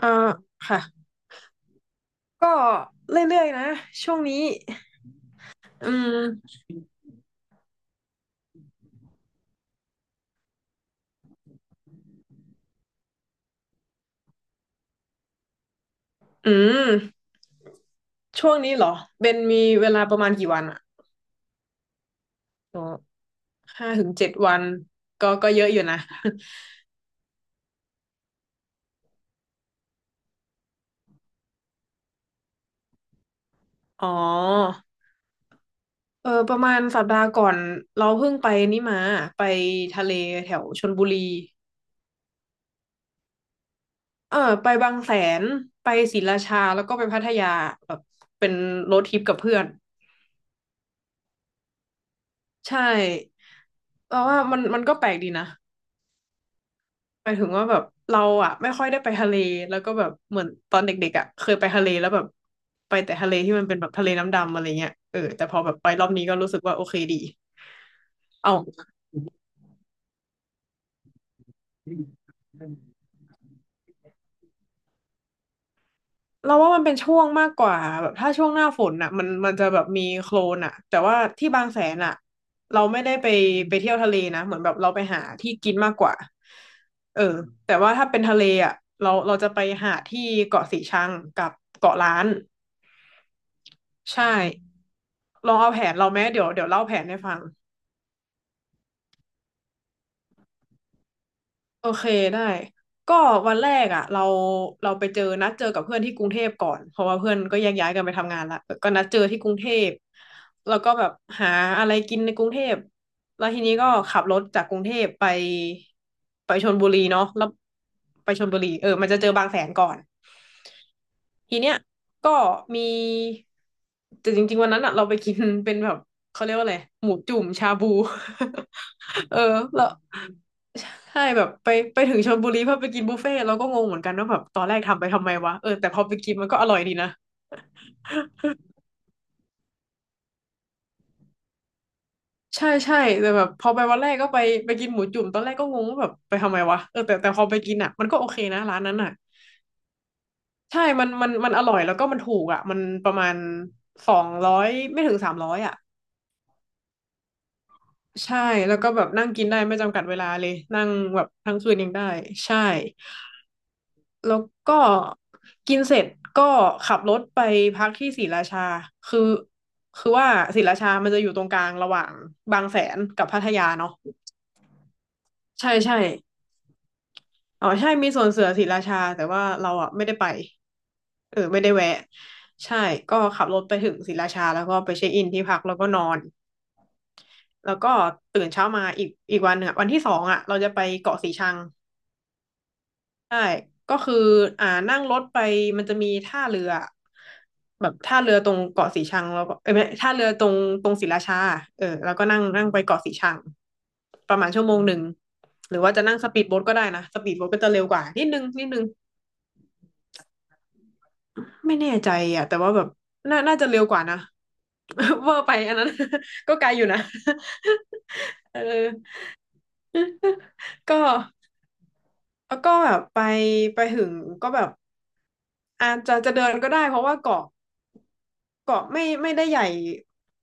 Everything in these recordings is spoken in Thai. อ่าค่ะก็เรื่อยๆนะช่วงนี้อืมอืมช่วงนี้เหรอเบนมีเวลาประมาณกี่วันอะอ๋อ5 ถึง 7 วันก็เยอะอยู่นะ อ๋อเออประมาณสัปดาห์ก่อนเราเพิ่งไปนี่มาไปทะเลแถวชลบุรีเออไปบางแสนไปศรีราชาแล้วก็ไปพัทยาแบบเป็นโรดทริปกับเพื่อนใช่เราว่ามันก็แปลกดีนะ หมายถึงว่าแบบเราอะไม่ค่อยได้ไปทะเลแล้วก็แบบเหมือนตอนเด็กๆอะเคยไปทะเลแล้วแบบไปแต่ทะเลที่มันเป็นแบบทะเลน้ำดำอะไรเงี้ยเออแต่พอแบบไปรอบนี้ก็รู้สึกว่าโอเคดีเอาเราว่ามันเป็นช่วงมากกว่าแบบถ้าช่วงหน้าฝนอะมันจะแบบมีโคลนอะแต่ว่าที่บางแสนอะเราไม่ได้ไปไปเที่ยวทะเลนะเหมือนแบบเราไปหาที่กินมากกว่าเออแต่ว่าถ้าเป็นทะเลอะเราจะไปหาที่เกาะสีชังกับเกาะล้านใช่ ลองเอาแผนเราไหมเดี๋ยวเล่าแผนให้ฟัง โอเคได้ก็วันแรกอ่ะเราไปเจอนัดเจอกับเพื่อนที่กรุงเทพก่อนเพราะว่าเพื่อนก็แยกย้ายกันไปทำงานละก็นัดเจอที่กรุงเทพแล้วก็แบบหาอะไรกินในกรุงเทพแล้วทีนี้ก็ขับรถจากกรุงเทพไปไปชลบุรีเนาะแล้วไปชลบุรีเออมันจะเจอบางแสนก่อนทีเนี้ยก็มีแต่จริงๆวันนั้นอะเราไปกินเป็นแบบเขาเรียกว่าอะไรหมูจุ่มชาบู เออแล้ว ใช่แบบไปไปถึงชลบุรีเพื่อไปกินบุฟเฟ่ต์เราก็งงเหมือนกันว่าแบบตอนแรกทำไปทำไมวะเออแต่พอไปกินมันก็อร่อยดีนะใช่ใช่แต่แบบพอไปวันแรกก็ไปไปกินหมูจุ่มตอนแรกก็งงว่าแบบไปทำไมวะเออแต่พอไปกินอ่ะมันก็โอเคนะร้านนั้นอ่ะใช่มันอร่อยแล้วก็มันถูกอ่ะมันประมาณสองร้อยไม่ถึง300อ่ะใช่แล้วก็แบบนั่งกินได้ไม่จำกัดเวลาเลยนั่งแบบทั้งคืนยังได้ใช่ แล้วก็กินเสร็จก็ขับรถไปพักที่ศรีราชาคือคือว่าศรีราชามันจะอยู่ตรงกลางระหว่างบางแสนกับพัทยาเนาะใช่ใช่อ๋อใช่มีสวนเสือศรีราชาแต่ว่าเราอ่ะไม่ได้ไปเออไม่ได้แวะใช่ก็ขับรถไปถึงศรีราชาแล้วก็ไปเช็คอินที่พักแล้วก็นอนแล้วก็ตื่นเช้ามาอีกวันหนึ่งอะวันที่สองอ่ะเราจะไปเกาะสีชัง ใช่ ก็คืออ่านั่งรถไปมันจะมีท่าเรือแบบท่าเรือตรงเกาะสีชังแล้วก็เอ้ยไม่ท่าเรือตรงศรีราชาเออแล้วก็นั่งนั่งไปเกาะสีชังประมาณชั่วโมงหนึ่งหรือว่าจะนั่งสปีดโบ๊ทก็ได้นะสปีดโบ๊ทก็จะเร็วกว่านิดนึงนิดนึงไม่แน่ใจอ่ะแต่ว่าแบบน่าจะเร็วกว่านะ เวอร์ไปอันนั้น ก็ไกลอยู่นะ เออ ก็แล้วก็แบบไปไปถึงก็แบบอาจจะเดินก็ได้เพราะว่าเกาะไม่ได้ใหญ่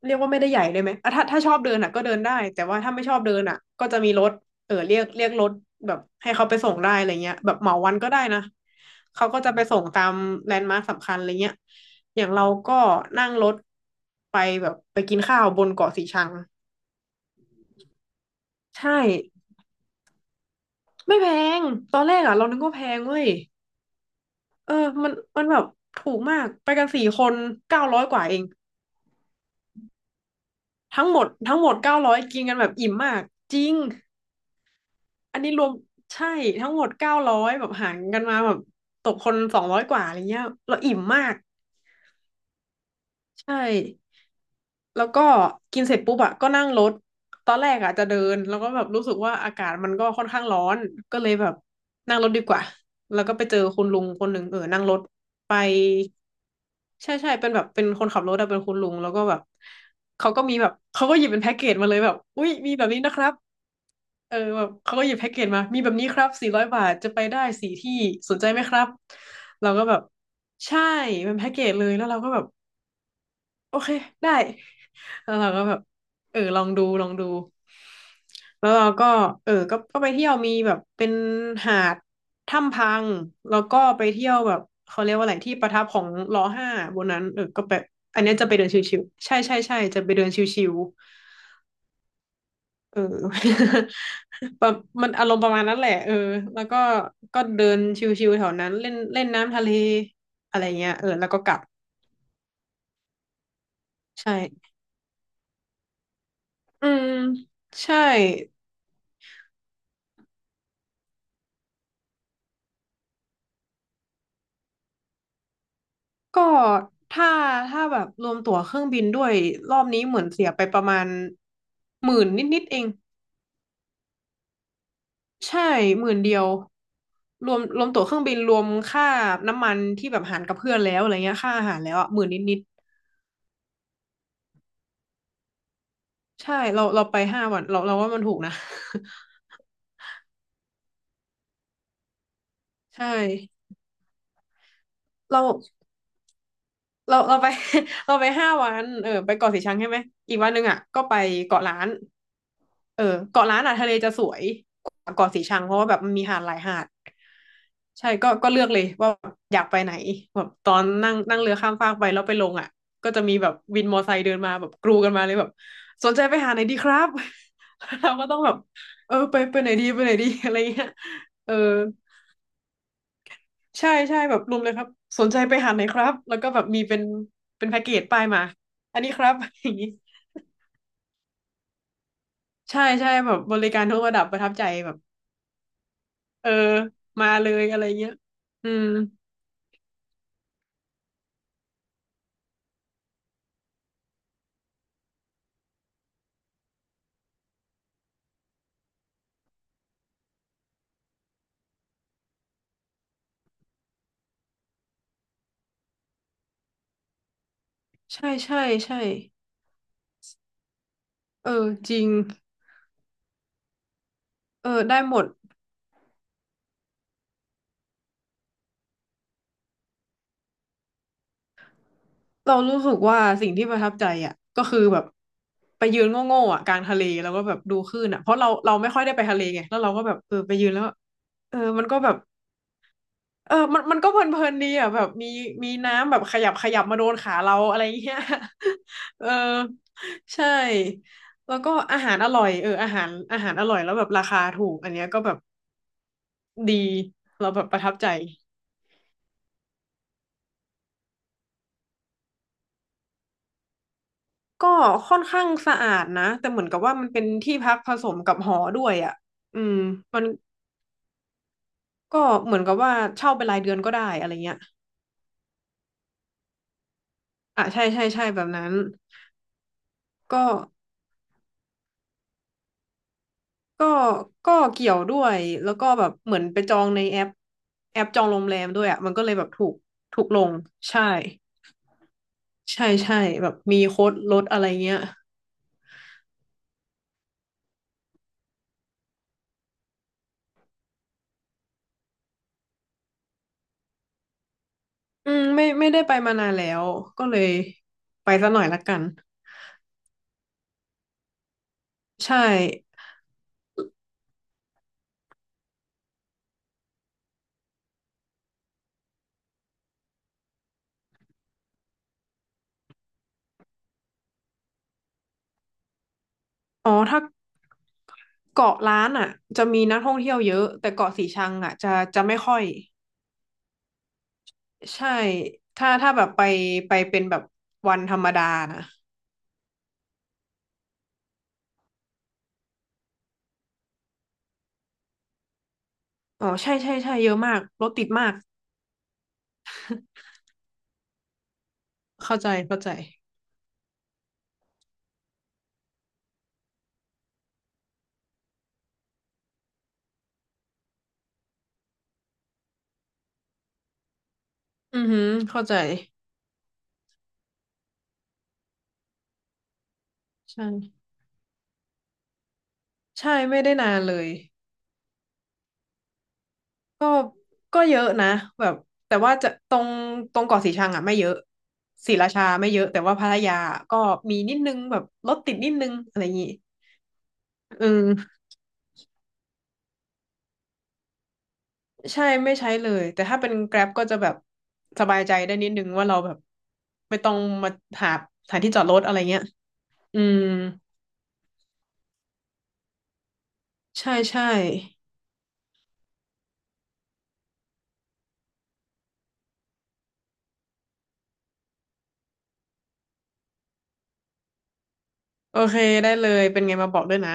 เรียกว่าไม่ได้ใหญ่เลยไหมอ่ะถ้าชอบเดินอ่ะก็เดินได้แต่ว่าถ้าไม่ชอบเดินอ่ะก็จะมีรถเออเรียกรถแบบให้เขาไปส่งได้อะไรเงี้ยแบบเหมาวันก็ได้นะเขาก็จะไปส่งตามแลนด์มาร์คสำคัญอะไรเงี้ยอย่างเราก็นั่งรถไปแบบไปกินข้าวบนเกาะสีชังใช่ไม่แพงตอนแรกอ่ะเรานึกว่าแพงเว้ย เออมันมันแบบถูกมาก ไปกันสี่คนเก้าร้อยกว่าเองทั้งหมดเก้าร้อยกินกันแบบอิ่มมากจริงอันนี้รวมใช่ทั้งหมดเก้าร้อยแบบหารกันมาแบบตกคนสองร้อยกว่าอะไรเงี้ยเราอิ่มมากใช่ แล้วก็กินเสร็จปุ๊บอะก็นั่งรถ ตอนแรกอะจะเดินแล้วก็แบบรู้สึกว่าอากาศมันก็ค่อนข้างร้อนก็เลยแบบนั่งรถดีกว่า แล้วก็ไปเจอคุณลุงคนหนึ่งเออนั่งรถไปใช่ใช่เป็นแบบเป็นคนขับรถอะเป็นคุณลุงแล้วก็แบบเขาก็มีแบบเขาก็หยิบเป็นแพ็กเกจมาเลยแบบอุ้ยมีแบบนี้นะครับเออแบบเขาก็หยิบแพ็กเกจมามีแบบนี้ครับ400 บาทจะไปได้สี่ที่สนใจไหมครับเราก็แบบใช่เป็นแพ็กเกจเลยแล้วเราก็แบบ โอเคได้แล้วเราก็แบบอลองดูลองดูแล้วเราก็ก็ไปเที่ยวมีแบบเป็นหาดถ้ำพังแล้วก็ไปเที่ยวแบบเขาเรียกว่าอะไรที่ประทับของลอห้าบนนั้นก็แบบอันเนี้ยจะไปเดินชิวๆใช่ใช่ใช่จะไปเดินชิวๆ ประมันอารมณ์ประมาณนั้นแหละแล้วก็ก็เดินชิวๆแถวนั้นเล่นเล่นน้ำทะเลอะไรเงี้ยแล้วก็กลับใช่อืมใช่ ก็ถ้าถ้าแบบรวมตั๋วเครื่องบินด้วยรอบนี้เหมือนเสียไปประมาณหมื่นนิดๆเองใช่หมื่นเดียวรวมตั๋วเครื่องบินรวมค่าน้ำมันที่แบบหารกับเพื่อนแล้วอะไรเงี้ยค่าอาหารแล้วอ่ะหมื่นนิดๆใช่เราไปห้าวันเราว่ามันถูกนะ ใช่เรา เราไป เราไปห้าวันไปเกาะสีชังใช่ไหมอีกวันหนึ่งอ่ะก็ไปเกาะล้านเออเกาะล้านอ่ะทะเลจะสวยกว่าเกาะสีชังเพราะว่าแบบมันมีหาดหลายหาดใช่ก็เลือกเลยว่าอยากไปไหนแบบตอนนั่งนั่งเรือข้ามฟากไปแล้วไปลงอ่ะก็จะมีแบบวินมอไซค์เดินมาแบบกรูกันมาเลยแบบสนใจไปหาไหนดีครับ เราก็ต้องแบบไปไปไหนดีไปไหนดีอะไรเงี้ยเออ ใช่ใช่แบบรวมเลยครับสนใจไปหาไหนครับแล้วก็แบบมีเป็นเป็นแพ็กเกจป้ายมาอันนี้ครับ อย่างนี้ใช่ใช่แบบบริการทุกระดับประทับใจแบบเออมาเลยอะไรเงี้ยอืมใช่ใช่ใช่เออจริงได้หมดเรารู้สึกว่าสิ่งที่ประทับใจอ่ะก็คือแบบไปยืนโง่ๆอ่ะกลางทะเลแล้วก็แบบดูคลื่นอ่ะเพราะเราไม่ค่อยได้ไปทะเลไงแล้วเราก็แบบไปยืนแล้วมันก็แบบ มันก็เพลินๆดีอ่ะแบบมีมีน้ำแบบขยับขยับมาโดนขาเราอะไรเงี้ย เออใช่แล้วก็อาหารอร่อยอาหารอาหารอร่อยแล้วแบบราคาถูกอันเนี้ยก็แบบดีเราแบบประทับใจก็ค่อนข้างสะอาดนะแต่เหมือนกับว่ามันเป็นที่พักผสมกับหอด้วยอ่ะอืมมันก็เหมือนกับว่าเช่าเป็นรายเดือนก็ได้อะไรเงี้ยอ่ะใช่ใช่ใช่แบบนั้นก็ ก็ก็เกี่ยวด้วยแล้วก็แบบเหมือนไปจองในแอปแอปจองโรงแรมด้วยอ่ะมันก็เลยแบบถูกถูกลงใช่ใช่ใช่แบบมีโค้ดลดอะไรเงี้ยอืมไม่ได้ไปมานานแล้วก็เลยไปซะหน่อยละกันใช่อ๋อถ้าเกาะล้านอ่ะจะมีนักท่องเที่ยวเยอะแต่เกาะสีชังอ่ะจะจะไม่ค่อยใช่ถ้าแบบไปไปเป็นแบบวันธรรมดานะอ๋อใช่ใช่ใช่เยอะมากรถติดมากเข้าใจเข้าใจ อือหือเข้าใจใช่ใช่ไม่ได้นานเลยก็เยอะนะแบบแต่ว่าจะตรงตรงเกาะสีชังอ่ะไม่เยอะศรีราชาไม่เยอะแต่ว่าพัทยาก็มีนิดนึงแบบรถติดนิดนึงอะไรอย่างงี้เอืใช่ไม่ใช้เลยแต่ถ้าเป็น Grab ก็จะแบบสบายใจได้นิดนึงว่าเราแบบไม่ต้องมาหาสถานที่จอดรถอะไรเงี้ยอืมใช่ใช่โอเคได้เลยเป็นไงมาบอกด้วยนะ